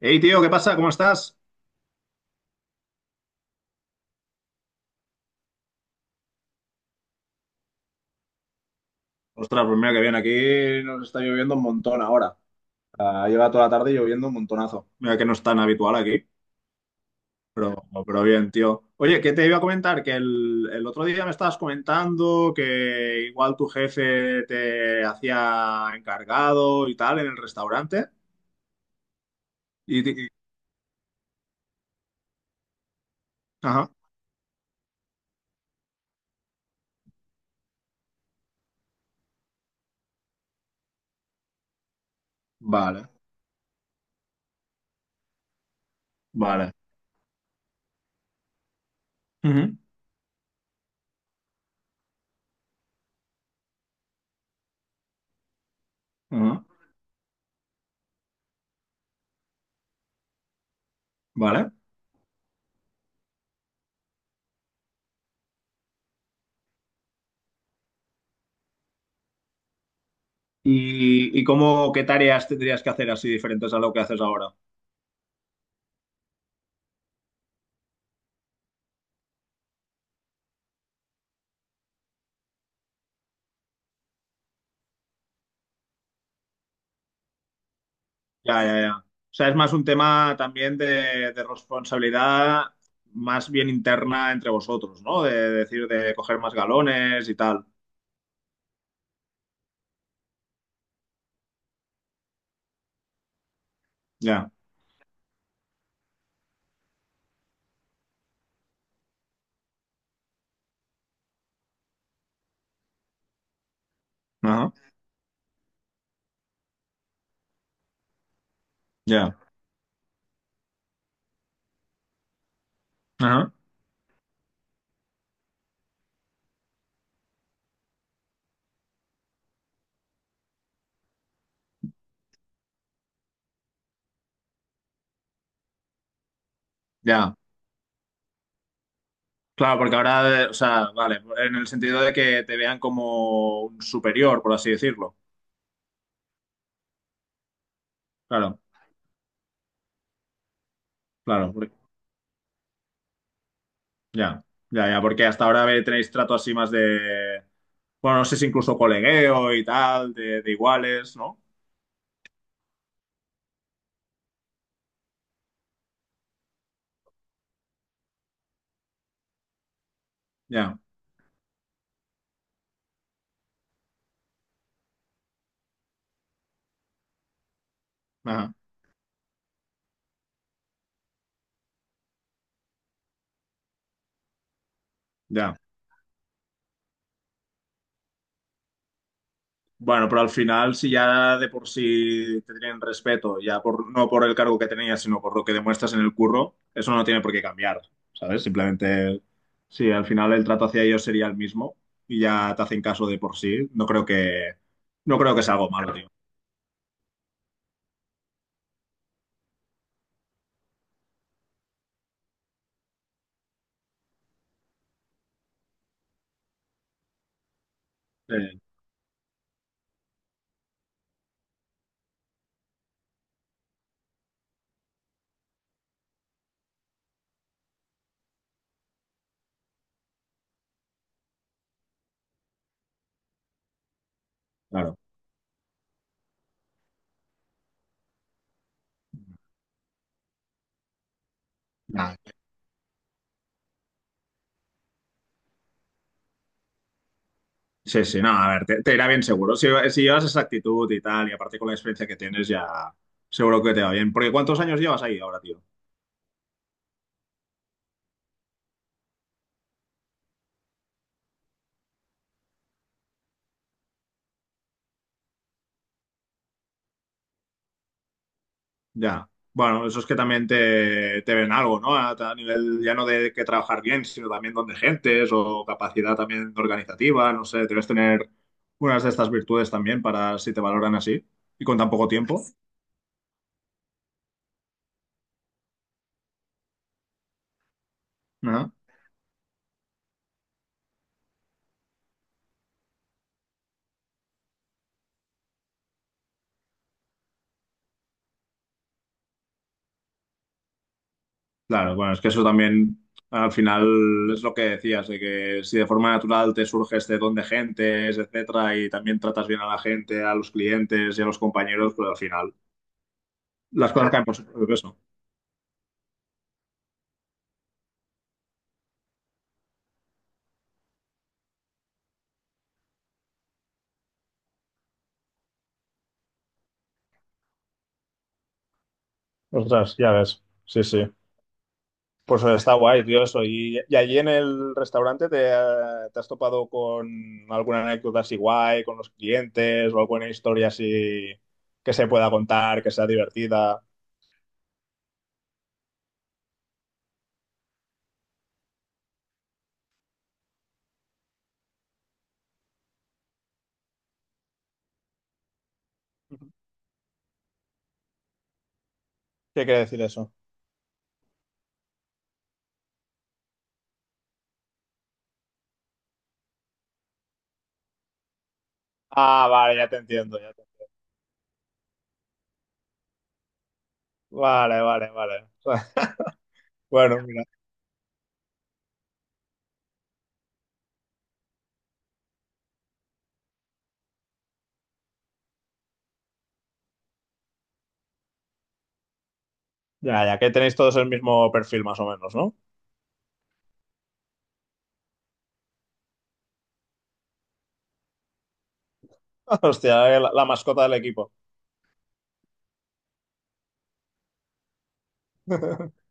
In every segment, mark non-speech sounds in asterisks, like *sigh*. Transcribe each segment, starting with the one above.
Hey, tío, ¿qué pasa? ¿Cómo estás? Ostras, pues mira que bien, aquí nos está lloviendo un montón ahora. Ah, lleva toda la tarde lloviendo un montonazo. Mira que no es tan habitual aquí, pero bien, tío. Oye, ¿qué te iba a comentar? Que el otro día me estabas comentando que igual tu jefe te hacía encargado y tal en el restaurante. Y, te- y- ajá. Vale, vale. Ujú, ujú, vale. Y cómo, qué tareas tendrías que hacer así diferentes a lo que haces ahora? Ya, ya, ya. O sea, es más un tema también de responsabilidad más bien interna entre vosotros, ¿no? De, decir, de coger más galones y tal. Ya, ajá, ya, ajá, ya. Claro, porque ahora, o sea, vale, en el sentido de que te vean como un superior, por así decirlo. Claro, claro, porque- ya, ya, ya, porque hasta ahora ve- tenéis trato así más de, bueno, no sé si incluso colegueo y tal, de iguales, ¿no? Ya, ajá, ya. Bueno, pero al final, si ya de por sí te tienen respeto, ya por, no por el cargo que tenías, sino por lo que demuestras en el curro, eso no tiene por qué cambiar, ¿sabes? Simplemente, sí, al final el trato hacia ellos sería el mismo y ya te hacen caso de por sí. No creo que sea algo malo, tío. Eh, claro. Nada. Sí, sí, no, a ver, te irá bien seguro. Si llevas esa actitud y tal, y aparte con la experiencia que tienes, ya seguro que te va bien. Porque ¿cuántos años llevas ahí ahora, tío? Ya. Bueno, eso es que también te ven algo, ¿no? A nivel ya no de que trabajar bien, sino también donde gentes o capacidad también organizativa, no sé, debes tener unas de estas virtudes también para si te valoran así y con tan poco tiempo. Ajá. Claro, bueno, es que eso también al final es lo que decías, de que si de forma natural te surge este don de gentes, etcétera, y también tratas bien a la gente, a los clientes y a los compañeros, pues al final las cosas caen por su propio peso. Ostras, ya ves. Sí, sí. Pues está guay, tío, eso. Y allí en el restaurante te, te has topado con alguna anécdota así guay, con los clientes o alguna historia así que se pueda contar, que sea divertida? Ujú. ¿Qué quiere decir eso? Ah, vale, ya te entiendo, ya te- vale, vale, vale. *laughs* Bueno, mira, ya, ya que tenéis todos el mismo perfil más o menos, ¿no? *laughs* Hostia, la, la mascota del equipo. *laughs*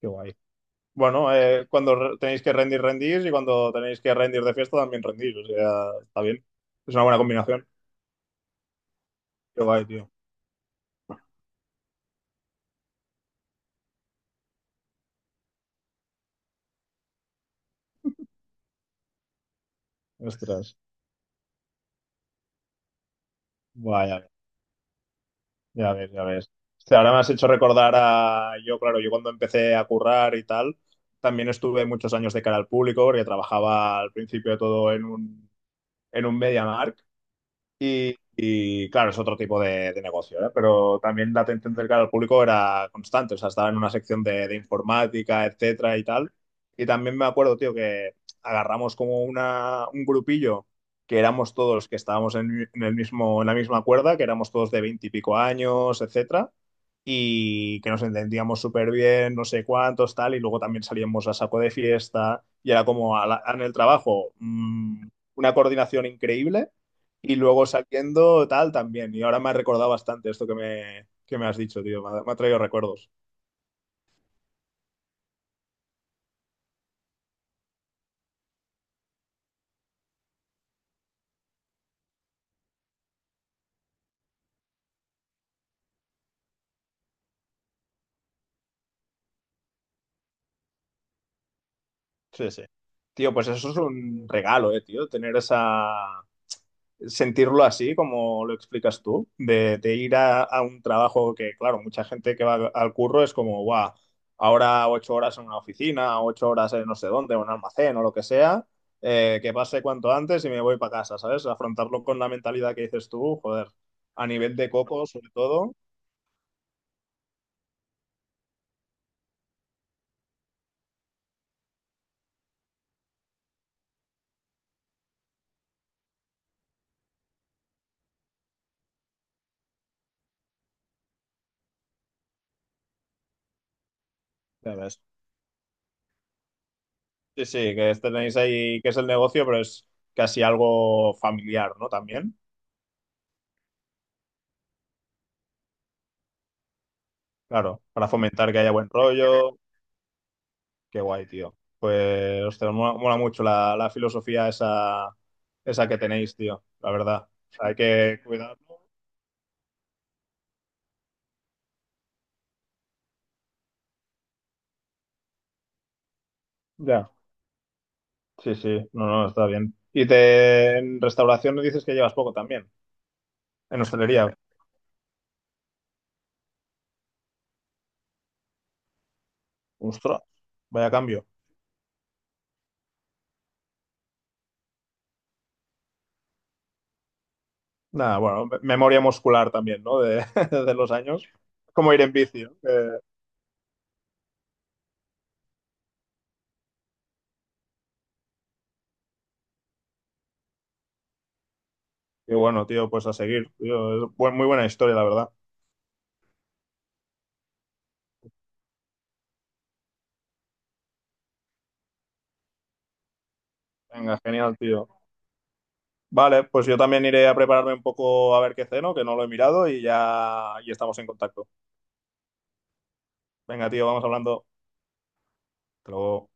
Qué guay. Bueno, cuando re- tenéis que rendir, rendís y cuando tenéis que rendir de fiesta también rendís. O sea, está bien. Es una buena combinación. Qué guay, tío. Ostras. Vaya, ya ves, ya ves. Hostia, ahora me has hecho recordar a yo, claro, yo cuando empecé a currar y tal, también estuve muchos años de cara al público porque trabajaba al principio todo en un MediaMarkt. Claro, es otro tipo de negocio, ¿eh? Pero también date a entender que al público era constante, o sea, estaba en una sección de informática, etcétera y tal. Y también me acuerdo, tío, que agarramos como una, un grupillo que éramos todos que estábamos en el mismo, en la misma cuerda, que éramos todos de veinte y pico años, etcétera y que nos entendíamos súper bien, no sé cuántos, tal, y luego también salíamos a saco de fiesta y era como a la- en el trabajo una coordinación increíble y luego saliendo tal también. Y ahora me ha recordado bastante esto que que me has dicho, tío, me ha traído recuerdos. Sí, sí. Tío, pues eso es un regalo, tío, tener esa, sentirlo así, como lo explicas tú, de ir a un trabajo que, claro, mucha gente que va al curro es como, guau, ahora 8 horas en una oficina, 8 horas en no sé dónde, en un almacén o lo que sea, que pase cuanto antes y me voy para casa, ¿sabes? Afrontarlo con la mentalidad que dices tú, joder, a nivel de coco sobre todo, ya ves. Sí, sí, que tenéis ahí, que es el negocio, pero es casi algo familiar, ¿no? También, claro, para fomentar que haya buen rollo. Qué guay, tío. Pues, ostras, mola, mola mucho la, la filosofía esa, esa que tenéis, tío, la verdad. O sea, hay que cuidarlo. Ya, sí, sí, no, no, está bien. Y te, en restauración dices que llevas poco también, en hostelería. Ostras, vaya cambio. Nada, bueno, me- memoria muscular también, ¿no? De, *laughs* de los años. Como ir en bici, ¿no? Que- y bueno, tío, pues a seguir, tío. Es bu- muy buena historia, la verdad. Venga, genial, tío. Vale, pues yo también iré a prepararme un poco a ver qué ceno, que no lo he mirado y ya y estamos en contacto. Venga, tío, vamos hablando. Hasta luego.